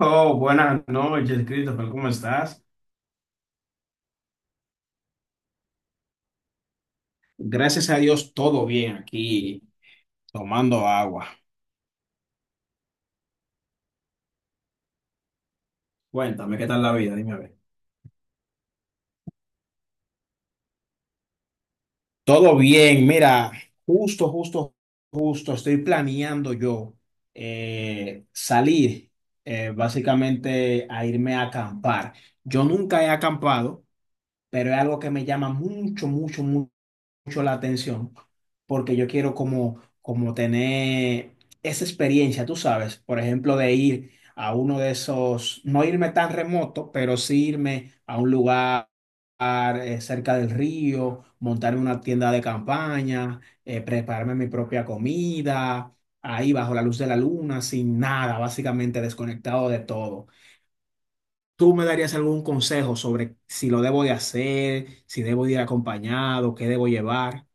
Oh, buenas noches, Christopher, ¿cómo estás? Gracias a Dios, todo bien aquí, tomando agua. Cuéntame, ¿qué tal la vida? Dime a ver. Todo bien, mira, justo, justo, justo, estoy planeando yo salir básicamente a irme a acampar. Yo nunca he acampado, pero es algo que me llama mucho, mucho la atención, porque yo quiero como tener esa experiencia, tú sabes, por ejemplo, de ir a uno de esos, no irme tan remoto, pero sí irme a un lugar cerca del río, montarme una tienda de campaña, prepararme mi propia comida, ahí bajo la luz de la luna, sin nada, básicamente desconectado de todo. ¿Tú me darías algún consejo sobre si lo debo de hacer, si debo de ir acompañado, qué debo llevar?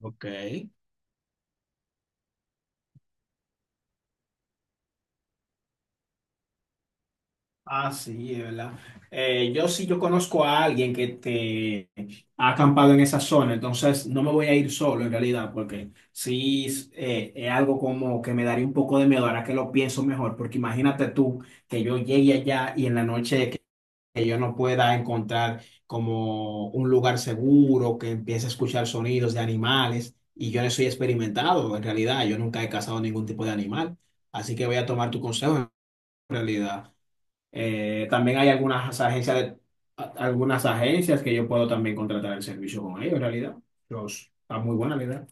Ok. Ah, sí, es verdad. Yo sí, yo conozco a alguien que te ha acampado en esa zona, entonces no me voy a ir solo en realidad, porque sí es algo como que me daría un poco de miedo ahora que lo pienso mejor, porque imagínate tú que yo llegue allá y en la noche que yo no pueda encontrar como un lugar seguro, que empiece a escuchar sonidos de animales. Y yo no soy experimentado, en realidad, yo nunca he cazado ningún tipo de animal. Así que voy a tomar tu consejo, en realidad. También hay algunas agencias que yo puedo también contratar el servicio con ellos, en realidad. Está muy buena la idea.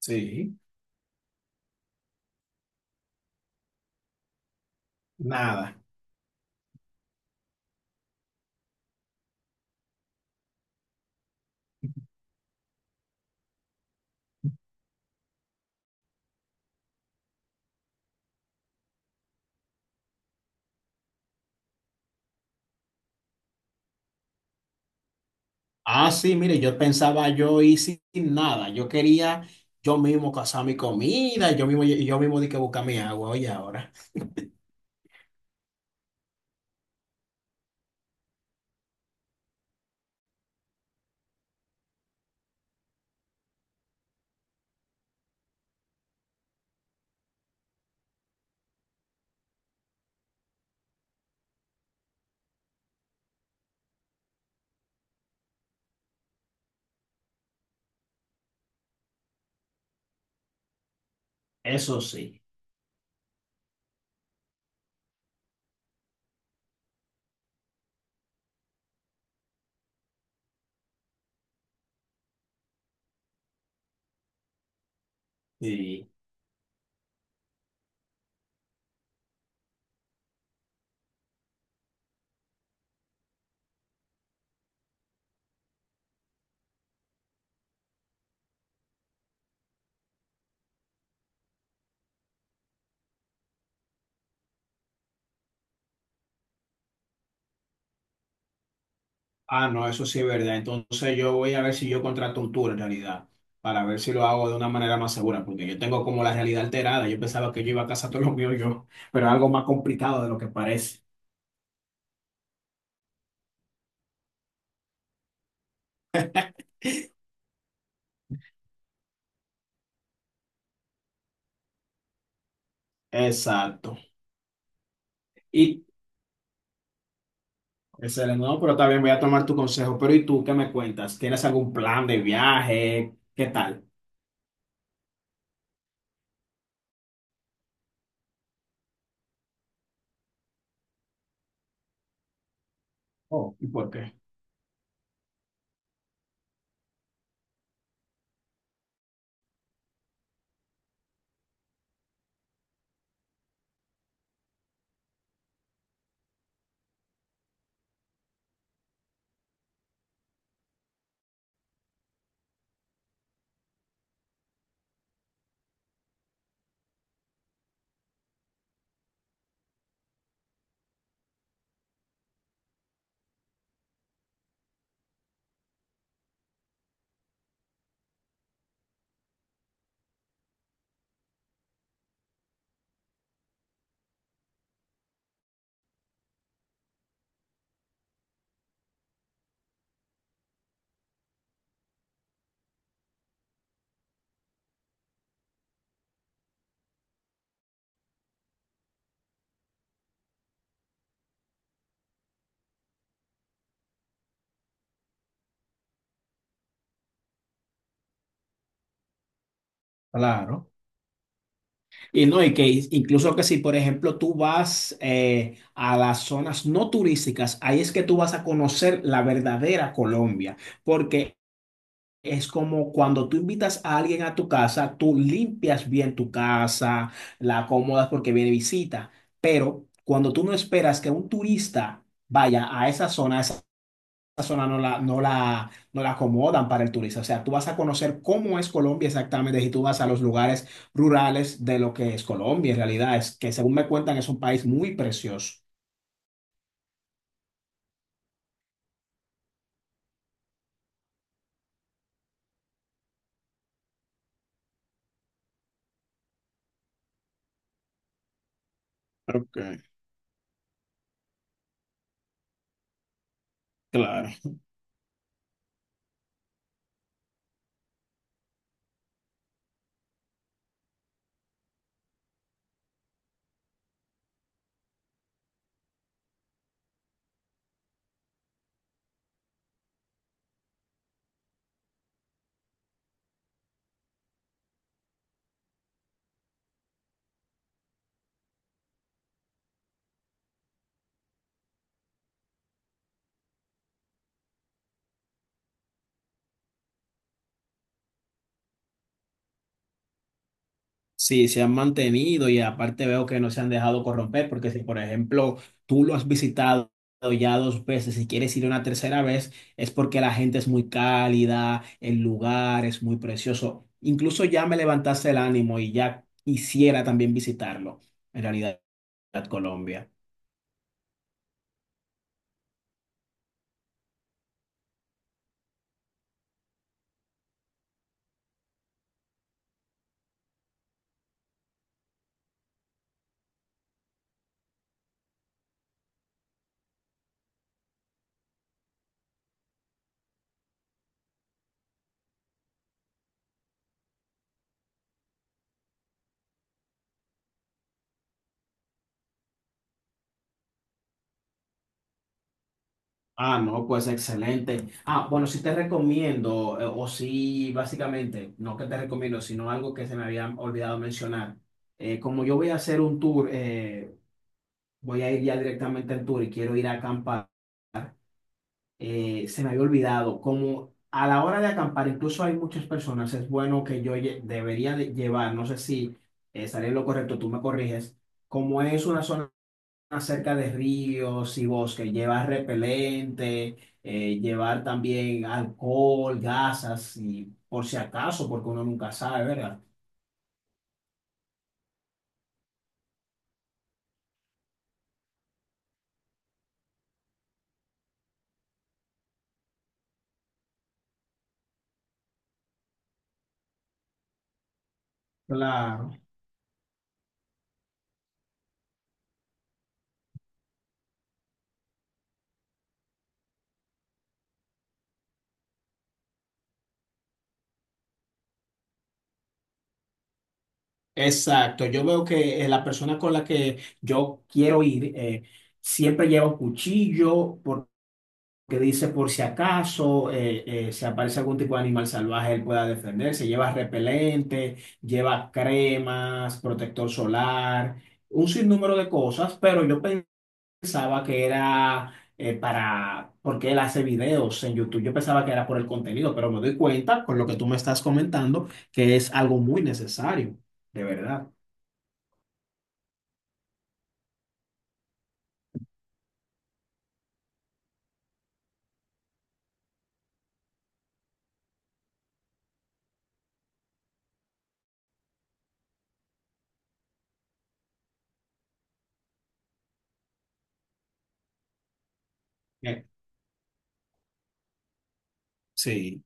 Sí, nada. Ah, sí, mire, yo pensaba yo ir sin nada. Yo quería yo mismo cazar mi comida, yo mismo di que buscar mi agua, oye, ahora. Eso sí. Y, ah, no, eso sí es verdad. Entonces yo voy a ver si yo contrato un tour en realidad, para ver si lo hago de una manera más segura, porque yo tengo como la realidad alterada. Yo pensaba que yo iba a cazar todo lo mío yo, pero es algo más complicado de lo que parece. Exacto. Y Excelente, no, pero también voy a tomar tu consejo. Pero ¿y tú qué me cuentas? ¿Tienes algún plan de viaje? ¿Qué tal? Oh, ¿y por qué? Claro. Y no, y que incluso que si, por ejemplo, tú vas a las zonas no turísticas, ahí es que tú vas a conocer la verdadera Colombia, porque es como cuando tú invitas a alguien a tu casa, tú limpias bien tu casa, la acomodas porque viene visita, pero cuando tú no esperas que un turista vaya a esa zona, zona no la acomodan para el turista. O sea, tú vas a conocer cómo es Colombia exactamente y tú vas a los lugares rurales de lo que es Colombia. En realidad es que, según me cuentan, es un país muy precioso. Ok, claro. Sí, se han mantenido y aparte veo que no se han dejado corromper, porque si, por ejemplo, tú lo has visitado ya dos veces y quieres ir una tercera vez, es porque la gente es muy cálida, el lugar es muy precioso. Incluso ya me levantaste el ánimo y ya quisiera también visitarlo, en realidad, Colombia. Ah, no, pues excelente. Ah, bueno, sí te recomiendo, o sí, básicamente, no que te recomiendo, sino algo que se me había olvidado mencionar como yo voy a hacer un tour, voy a ir ya directamente al tour y quiero ir a acampar. Se me había olvidado, como a la hora de acampar, incluso hay muchas personas, es bueno que yo debería de llevar, no sé si estaré lo correcto, tú me corriges, como es una zona cerca de ríos y bosques, llevar repelente, llevar también alcohol, gasas, y por si acaso, porque uno nunca sabe, ¿verdad? Claro. Exacto, yo veo que la persona con la que yo quiero ir siempre lleva un cuchillo porque dice por si acaso se aparece algún tipo de animal salvaje, él pueda defenderse, lleva repelente, lleva cremas, protector solar, un sinnúmero de cosas, pero yo pensaba que era porque él hace videos en YouTube, yo pensaba que era por el contenido, pero me doy cuenta con lo que tú me estás comentando que es algo muy necesario, de verdad. Sí,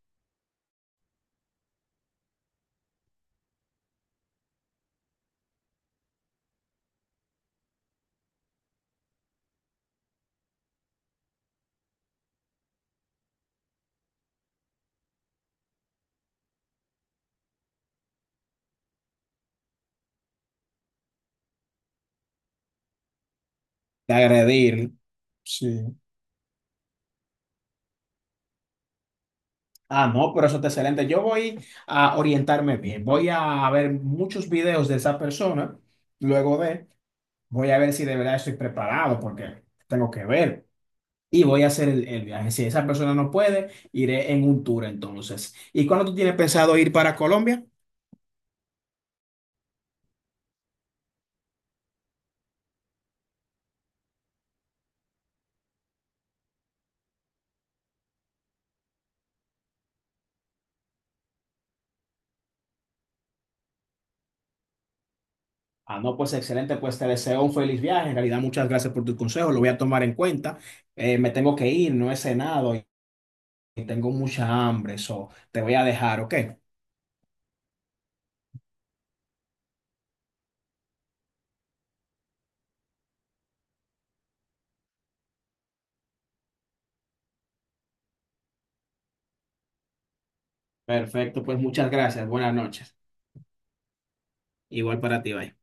de agredir. Sí. Ah, no, pero eso está excelente. Yo voy a orientarme bien. Voy a ver muchos videos de esa persona. Luego de, voy a ver si de verdad estoy preparado porque tengo que ver. Y voy a hacer el viaje. Si esa persona no puede, iré en un tour entonces. ¿Y cuándo tú tienes pensado ir para Colombia? Ah, no, pues excelente. Pues te deseo un feliz viaje. En realidad, muchas gracias por tu consejo. Lo voy a tomar en cuenta. Me tengo que ir, no he cenado y tengo mucha hambre. So, te voy a dejar, ¿ok? Perfecto, pues muchas gracias. Buenas noches. Igual para ti, bye.